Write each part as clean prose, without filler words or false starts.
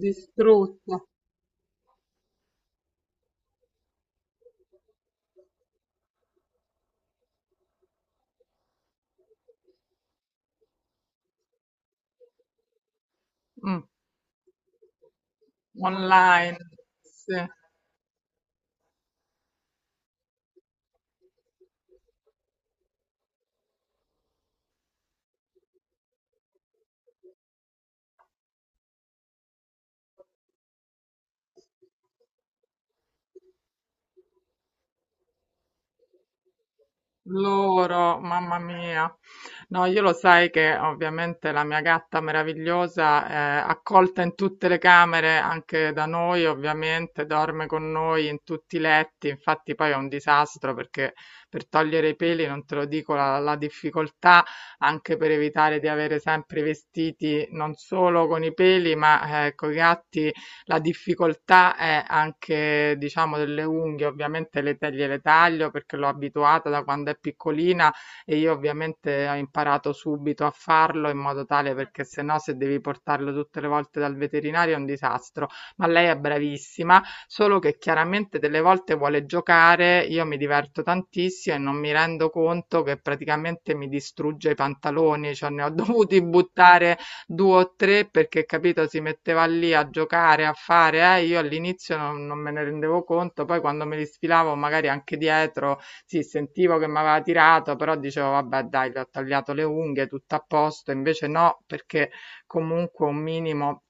Distrutto. Mh. Mm. Online. Sì. Loro, mamma mia. No, io lo sai che ovviamente la mia gatta meravigliosa è accolta in tutte le camere, anche da noi ovviamente, dorme con noi in tutti i letti, infatti poi è un disastro perché per togliere i peli, non te lo dico, la difficoltà anche per evitare di avere sempre i vestiti non solo con i peli, ma con i gatti. La difficoltà è anche, diciamo, delle unghie, ovviamente gliele taglio perché l'ho abituata da quando è piccolina e io ovviamente ho imparato subito a farlo in modo tale perché se no se devi portarlo tutte le volte dal veterinario è un disastro. Ma lei è bravissima, solo che chiaramente delle volte vuole giocare, io mi diverto tantissimo e non mi rendo conto che praticamente mi distrugge i pantaloni, cioè ne ho dovuti buttare due o tre perché, capito, si metteva lì a giocare, a fare, io all'inizio non me ne rendevo conto, poi quando me li sfilavo magari anche dietro, sì, sentivo che mi aveva tirato, però dicevo, vabbè, dai, gli ho tagliato le unghie, tutto a posto, invece no, perché comunque un minimo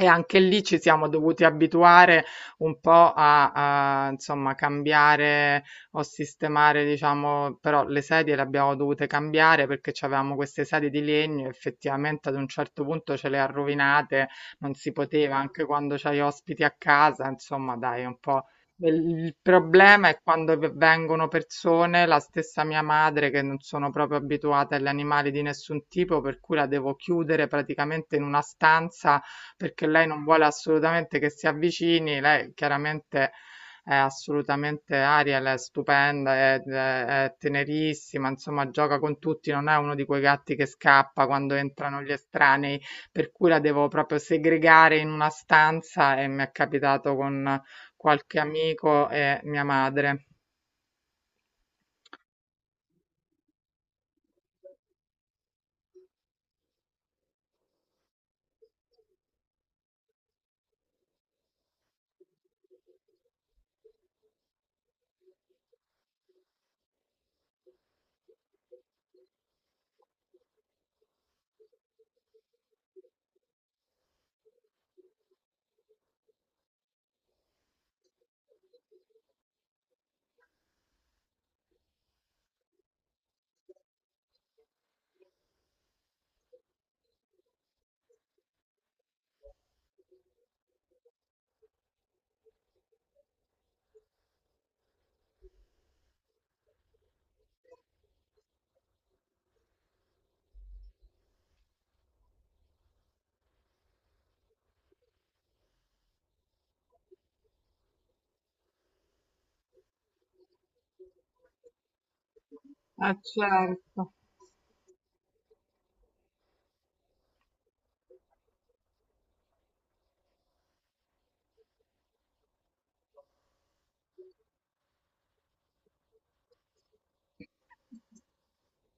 e anche lì ci siamo dovuti abituare un po' insomma cambiare o sistemare, diciamo, però le sedie le abbiamo dovute cambiare perché c'avevamo queste sedie di legno, effettivamente ad un certo punto ce le ha rovinate, non si poteva, anche quando c'hai ospiti a casa, insomma, dai, un po'. Il problema è quando vengono persone, la stessa mia madre, che non sono proprio abituate agli animali di nessun tipo, per cui la devo chiudere praticamente in una stanza perché lei non vuole assolutamente che si avvicini, lei chiaramente è assolutamente Ariel, è stupenda, è tenerissima, insomma gioca con tutti, non è uno di quei gatti che scappa quando entrano gli estranei, per cui la devo proprio segregare in una stanza e mi è capitato con qualche amico e mia madre. Ah, certo.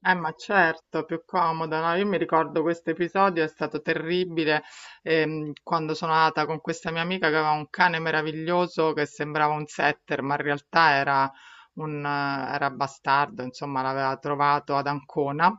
Ma certo, più comoda, no? Io mi ricordo questo episodio, è stato terribile, quando sono andata con questa mia amica che aveva un cane meraviglioso che sembrava un setter, ma in realtà era era bastardo, insomma, l'aveva trovato ad Ancona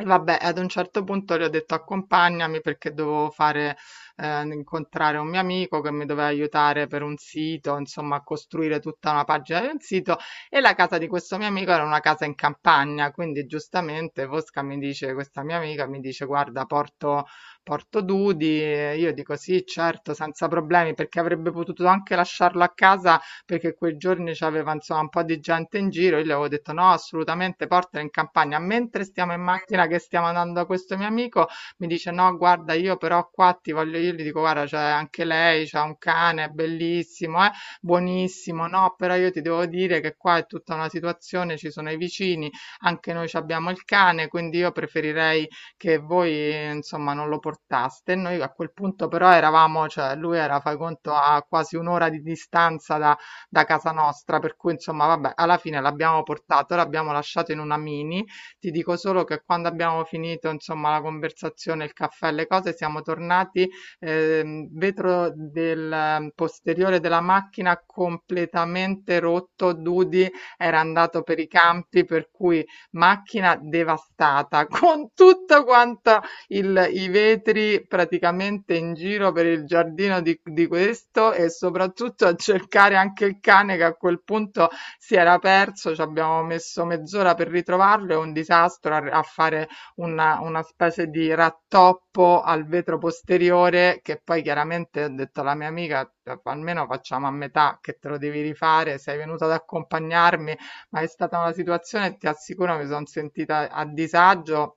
e vabbè, ad un certo punto le ho detto accompagnami perché dovevo fare, incontrare un mio amico che mi doveva aiutare per un sito, insomma, a costruire tutta una pagina di un sito. E la casa di questo mio amico era una casa in campagna, quindi giustamente Fosca mi dice, questa mia amica mi dice, guarda, porto, porto Dudi. E io dico sì, certo, senza problemi, perché avrebbe potuto anche lasciarlo a casa perché quei giorni c'aveva insomma un po' di gente in giro, io gli avevo detto no, assolutamente portala in campagna. Mentre stiamo in macchina che stiamo andando da questo mio amico, mi dice no, guarda, io però qua ti voglio. Io gli dico guarda, c'è anche lei, c'ha un cane, è bellissimo, buonissimo. No, però io ti devo dire che qua è tutta una situazione, ci sono i vicini, anche noi ci abbiamo il cane, quindi io preferirei che voi insomma non lo portaste. E noi a quel punto però eravamo, cioè lui era, fai conto, a quasi un'ora di distanza da casa nostra, per cui insomma, vabbè, alla fine l'abbiamo portato, l'abbiamo lasciato in una mini. Ti dico solo che quando abbiamo finito, insomma, la conversazione, il caffè, le cose, siamo tornati, vetro del posteriore della macchina completamente rotto, Dudi era andato per i campi, per cui macchina devastata con tutto quanto i vetri praticamente in giro per il giardino di questo e soprattutto a cercare anche il cane che a quel punto si era perso. Ci abbiamo messo mezz'ora per ritrovarlo, è un disastro a, a fare una specie di rattoppo al vetro posteriore, che poi chiaramente ho detto alla mia amica almeno facciamo a metà che te lo devi rifare, sei venuta ad accompagnarmi, ma è stata una situazione, ti assicuro, mi sono sentita a disagio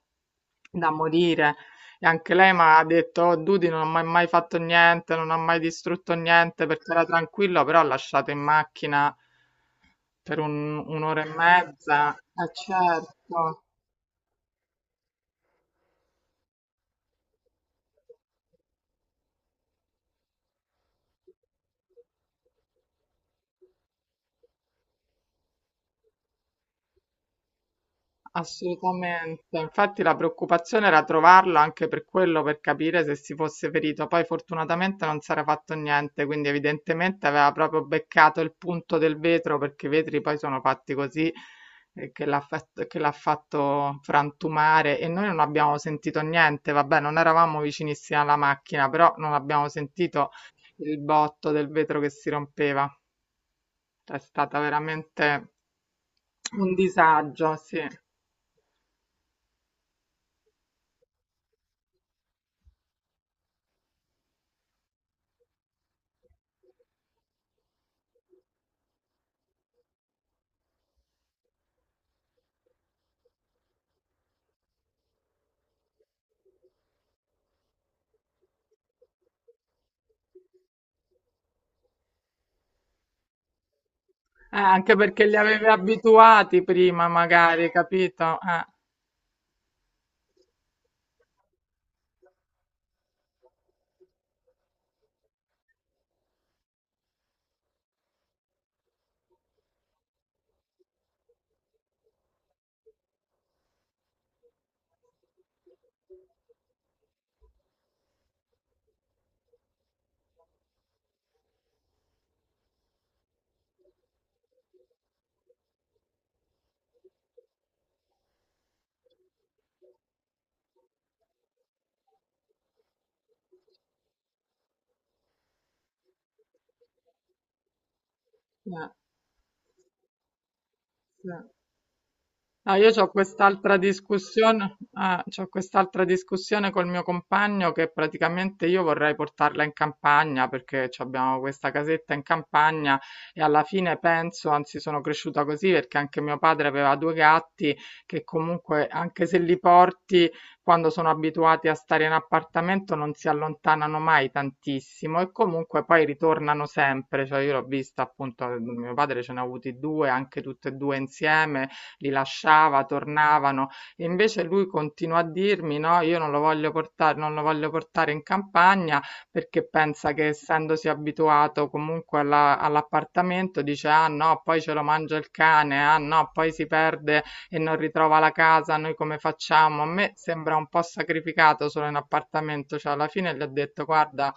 da morire. E anche lei mi ha detto, oh, Dudi non ha mai mai fatto niente, non ha mai distrutto niente perché era tranquillo, però ha lasciato in macchina per un'ora e mezza. Eh certo. Assolutamente, infatti la preoccupazione era trovarlo anche per quello, per capire se si fosse ferito. Poi fortunatamente non si era fatto niente, quindi evidentemente aveva proprio beccato il punto del vetro, perché i vetri poi sono fatti così, che l'ha fatto frantumare e noi non abbiamo sentito niente. Vabbè, non eravamo vicinissimi alla macchina, però non abbiamo sentito il botto del vetro che si rompeva. È stata veramente un disagio, sì. Anche perché li avevi abituati prima, magari, capito? Eh, sì. No, io ho quest'altra discussione, ah, c'ho quest'altra discussione col mio compagno che praticamente io vorrei portarla in campagna perché ci abbiamo questa casetta in campagna e alla fine penso, anzi sono cresciuta così perché anche mio padre aveva due gatti che comunque anche se li porti quando sono abituati a stare in appartamento non si allontanano mai tantissimo e comunque poi ritornano sempre, cioè io l'ho vista appunto, mio padre ce ne ha avuti due, anche tutte e due insieme li lasciava, tornavano. E invece lui continua a dirmi: no, io non lo voglio portare, non lo voglio portare in campagna perché pensa che essendosi abituato comunque all'appartamento, dice: ah no, poi ce lo mangia il cane, ah no, poi si perde e non ritrova la casa, noi come facciamo? A me sembra un po' sacrificato solo in appartamento, cioè alla fine gli ho detto guarda,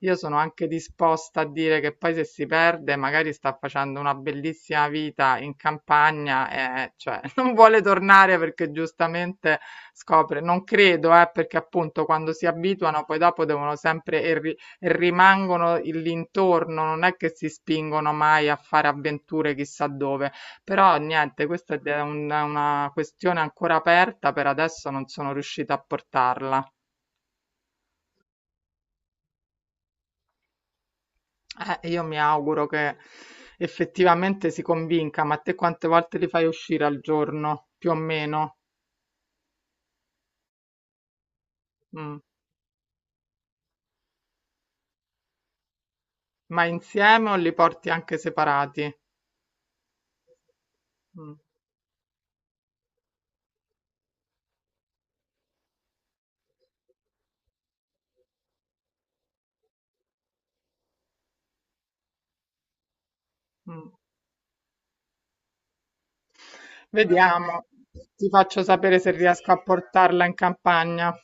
io sono anche disposta a dire che poi se si perde magari sta facendo una bellissima vita in campagna e cioè non vuole tornare perché giustamente scopre, non credo, perché appunto quando si abituano poi dopo devono sempre e rimangono l'intorno, non è che si spingono mai a fare avventure chissà dove, però niente, questa è una questione ancora aperta, per adesso non sono riuscita a portarla. Io mi auguro che effettivamente si convinca, ma te quante volte li fai uscire al giorno, più o meno? Mm. Ma insieme o li porti anche separati? Mm, mm. Vediamo, ti faccio sapere se riesco a portarla in campagna.